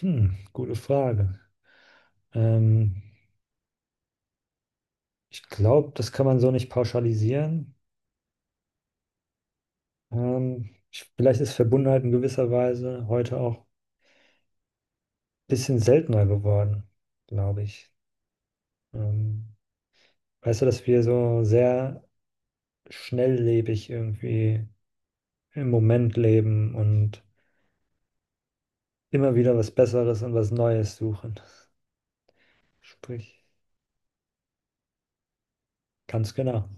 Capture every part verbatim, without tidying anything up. Hm, gute Frage. Ähm, ich glaube, das kann man so nicht pauschalisieren. Ähm, ich, vielleicht ist Verbundenheit in gewisser Weise heute auch ein bisschen seltener geworden, glaube ich. Ähm, Weißt du, dass wir so sehr schnelllebig irgendwie im Moment leben und immer wieder was Besseres und was Neues suchen. Sprich, ganz genau.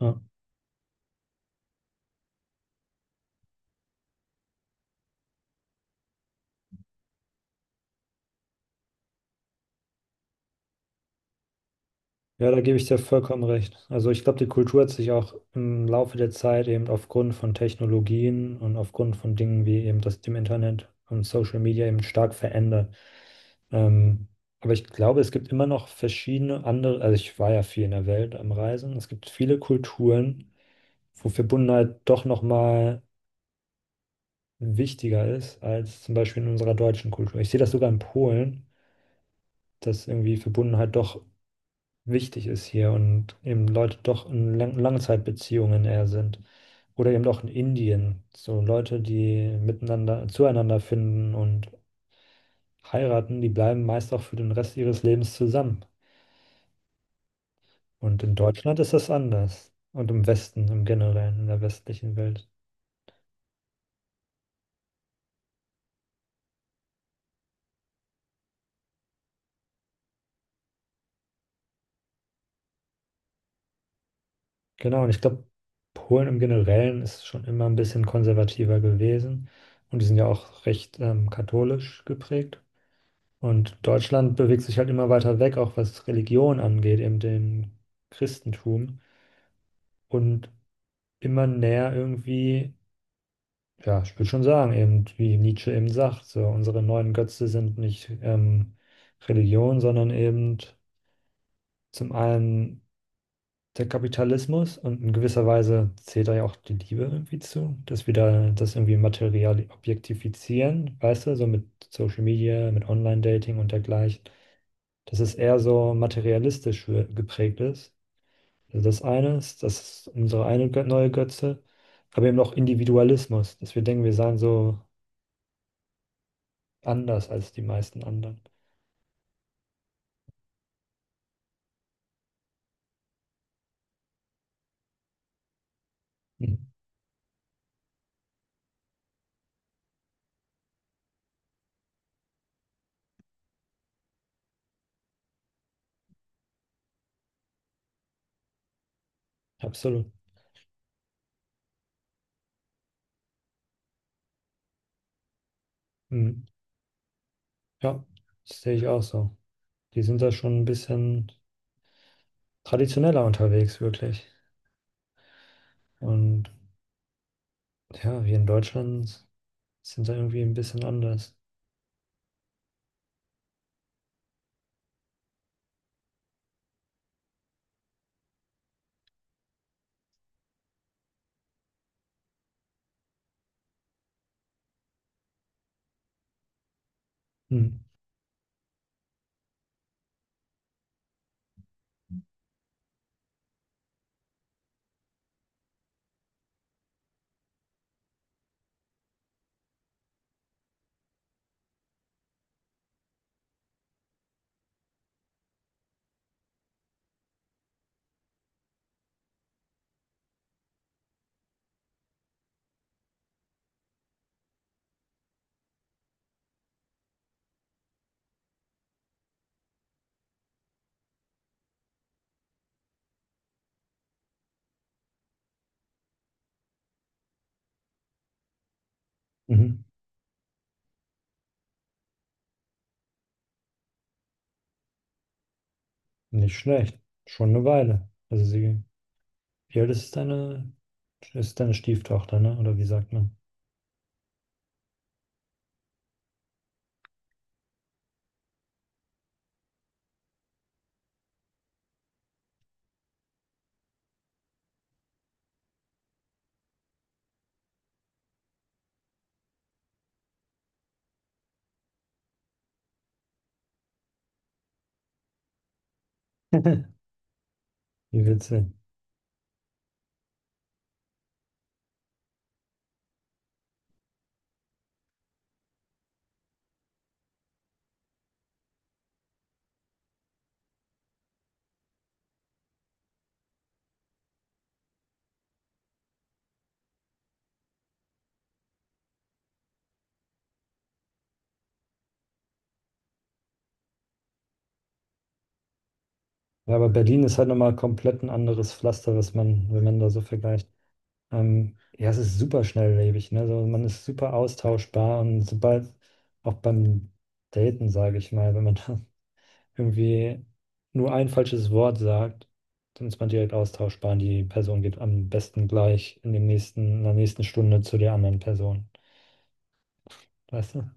Ja. Ja, da gebe ich dir vollkommen recht. Also ich glaube, die Kultur hat sich auch im Laufe der Zeit eben aufgrund von Technologien und aufgrund von Dingen wie eben das dem Internet und Social Media eben stark verändert. Ähm, aber ich glaube, es gibt immer noch verschiedene andere, also ich war ja viel in der Welt am Reisen. Es gibt viele Kulturen, wo Verbundenheit doch nochmal wichtiger ist als zum Beispiel in unserer deutschen Kultur. Ich sehe das sogar in Polen, dass irgendwie Verbundenheit doch wichtig ist hier und eben Leute doch in Lang Langzeitbeziehungen eher sind. Oder eben auch in Indien. So Leute, die miteinander, zueinander finden und heiraten, die bleiben meist auch für den Rest ihres Lebens zusammen. Und in Deutschland ist das anders. Und im Westen, im Generellen, in der westlichen Welt. Genau, und ich glaube, Polen im Generellen ist schon immer ein bisschen konservativer gewesen. Und die sind ja auch recht ähm, katholisch geprägt. Und Deutschland bewegt sich halt immer weiter weg, auch was Religion angeht, eben dem Christentum und immer näher irgendwie, ja, ich würde schon sagen, eben wie Nietzsche eben sagt, so unsere neuen Götze sind nicht ähm, Religion, sondern eben zum einen der Kapitalismus und in gewisser Weise zählt da ja auch die Liebe irgendwie zu, dass wir da das irgendwie material objektifizieren, weißt du, so mit Social Media, mit Online-Dating und dergleichen, dass es eher so materialistisch wir- geprägt ist. Also das eine ist, das ist unsere eine Gö- neue Götze, aber eben auch Individualismus, dass wir denken, wir seien so anders als die meisten anderen. Mhm. Absolut. Mhm. Ja, das sehe ich auch so. Die sind da schon ein bisschen traditioneller unterwegs, wirklich. Und ja, wir in Deutschland sind da irgendwie ein bisschen anders. Hm. Mhm. Nicht schlecht. Schon eine Weile. Also sie, wie alt ist deine, ist deine Stieftochter, ne? Oder wie sagt man? Wie witzig. Ja, aber Berlin ist halt nochmal komplett ein anderes Pflaster, was man, wenn man da so vergleicht. Ähm, ja, es ist super schnelllebig, ne? Also man ist super austauschbar und sobald auch beim Daten, sage ich mal, wenn man da irgendwie nur ein falsches Wort sagt, dann ist man direkt austauschbar. Die Person geht am besten gleich in dem nächsten, in der nächsten Stunde zu der anderen Person. Weißt du?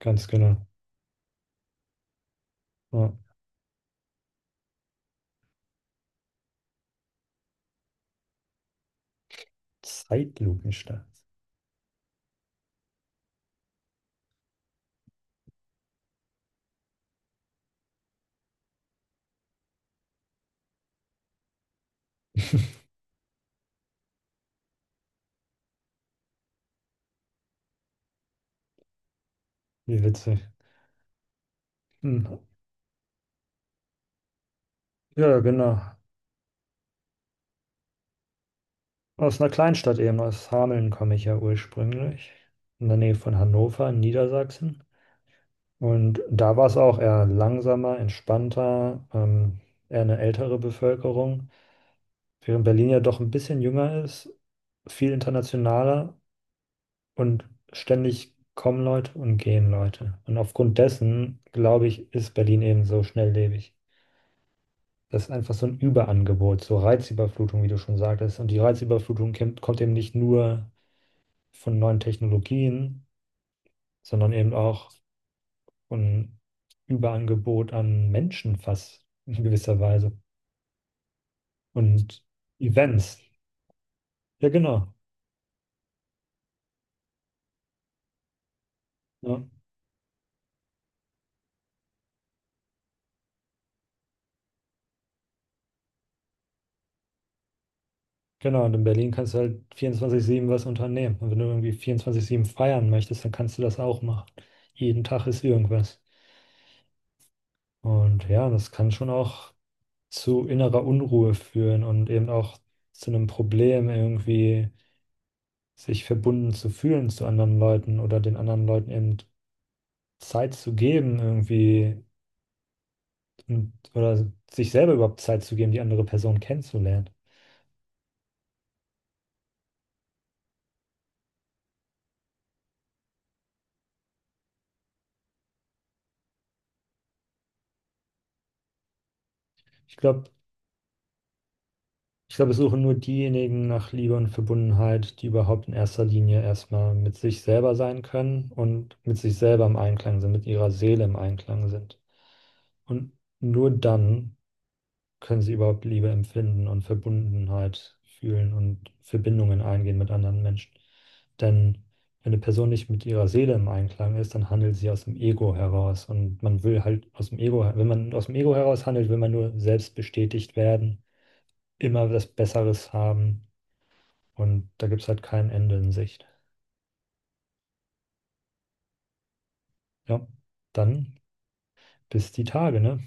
Ganz genau. Ja. Zeitlupenstadt. Wie witzig. Hm. Ja, genau. Aus einer Kleinstadt eben, aus Hameln komme ich ja ursprünglich. In der Nähe von Hannover, in Niedersachsen. Und da war es auch eher langsamer, entspannter, ähm, eher eine ältere Bevölkerung. Während Berlin ja doch ein bisschen jünger ist, viel internationaler und ständig kommen Leute und gehen Leute. Und aufgrund dessen, glaube ich, ist Berlin eben so schnelllebig. Das ist einfach so ein Überangebot, so Reizüberflutung, wie du schon sagtest. Und die Reizüberflutung kommt, kommt eben nicht nur von neuen Technologien, sondern eben auch von Überangebot an Menschen fast in gewisser Weise und Events. Ja, genau. Ja. Genau, und in Berlin kannst du halt vierundzwanzig sieben was unternehmen. Und wenn du irgendwie vierundzwanzig sieben feiern möchtest, dann kannst du das auch machen. Jeden Tag ist irgendwas. Und ja, das kann schon auch zu innerer Unruhe führen und eben auch zu einem Problem, irgendwie sich verbunden zu fühlen zu anderen Leuten oder den anderen Leuten eben Zeit zu geben, irgendwie und, oder sich selber überhaupt Zeit zu geben, die andere Person kennenzulernen. Ich glaube, Ich glaube, es suchen nur diejenigen nach Liebe und Verbundenheit, die überhaupt in erster Linie erstmal mit sich selber sein können und mit sich selber im Einklang sind, mit ihrer Seele im Einklang sind. Und nur dann können sie überhaupt Liebe empfinden und Verbundenheit fühlen und Verbindungen eingehen mit anderen Menschen. Denn wenn eine Person nicht mit ihrer Seele im Einklang ist, dann handelt sie aus dem Ego heraus. Und man will halt aus dem Ego, wenn man aus dem Ego heraus handelt, will man nur selbst bestätigt werden, immer was Besseres haben und da gibt es halt kein Ende in Sicht. Ja, dann bis die Tage, ne?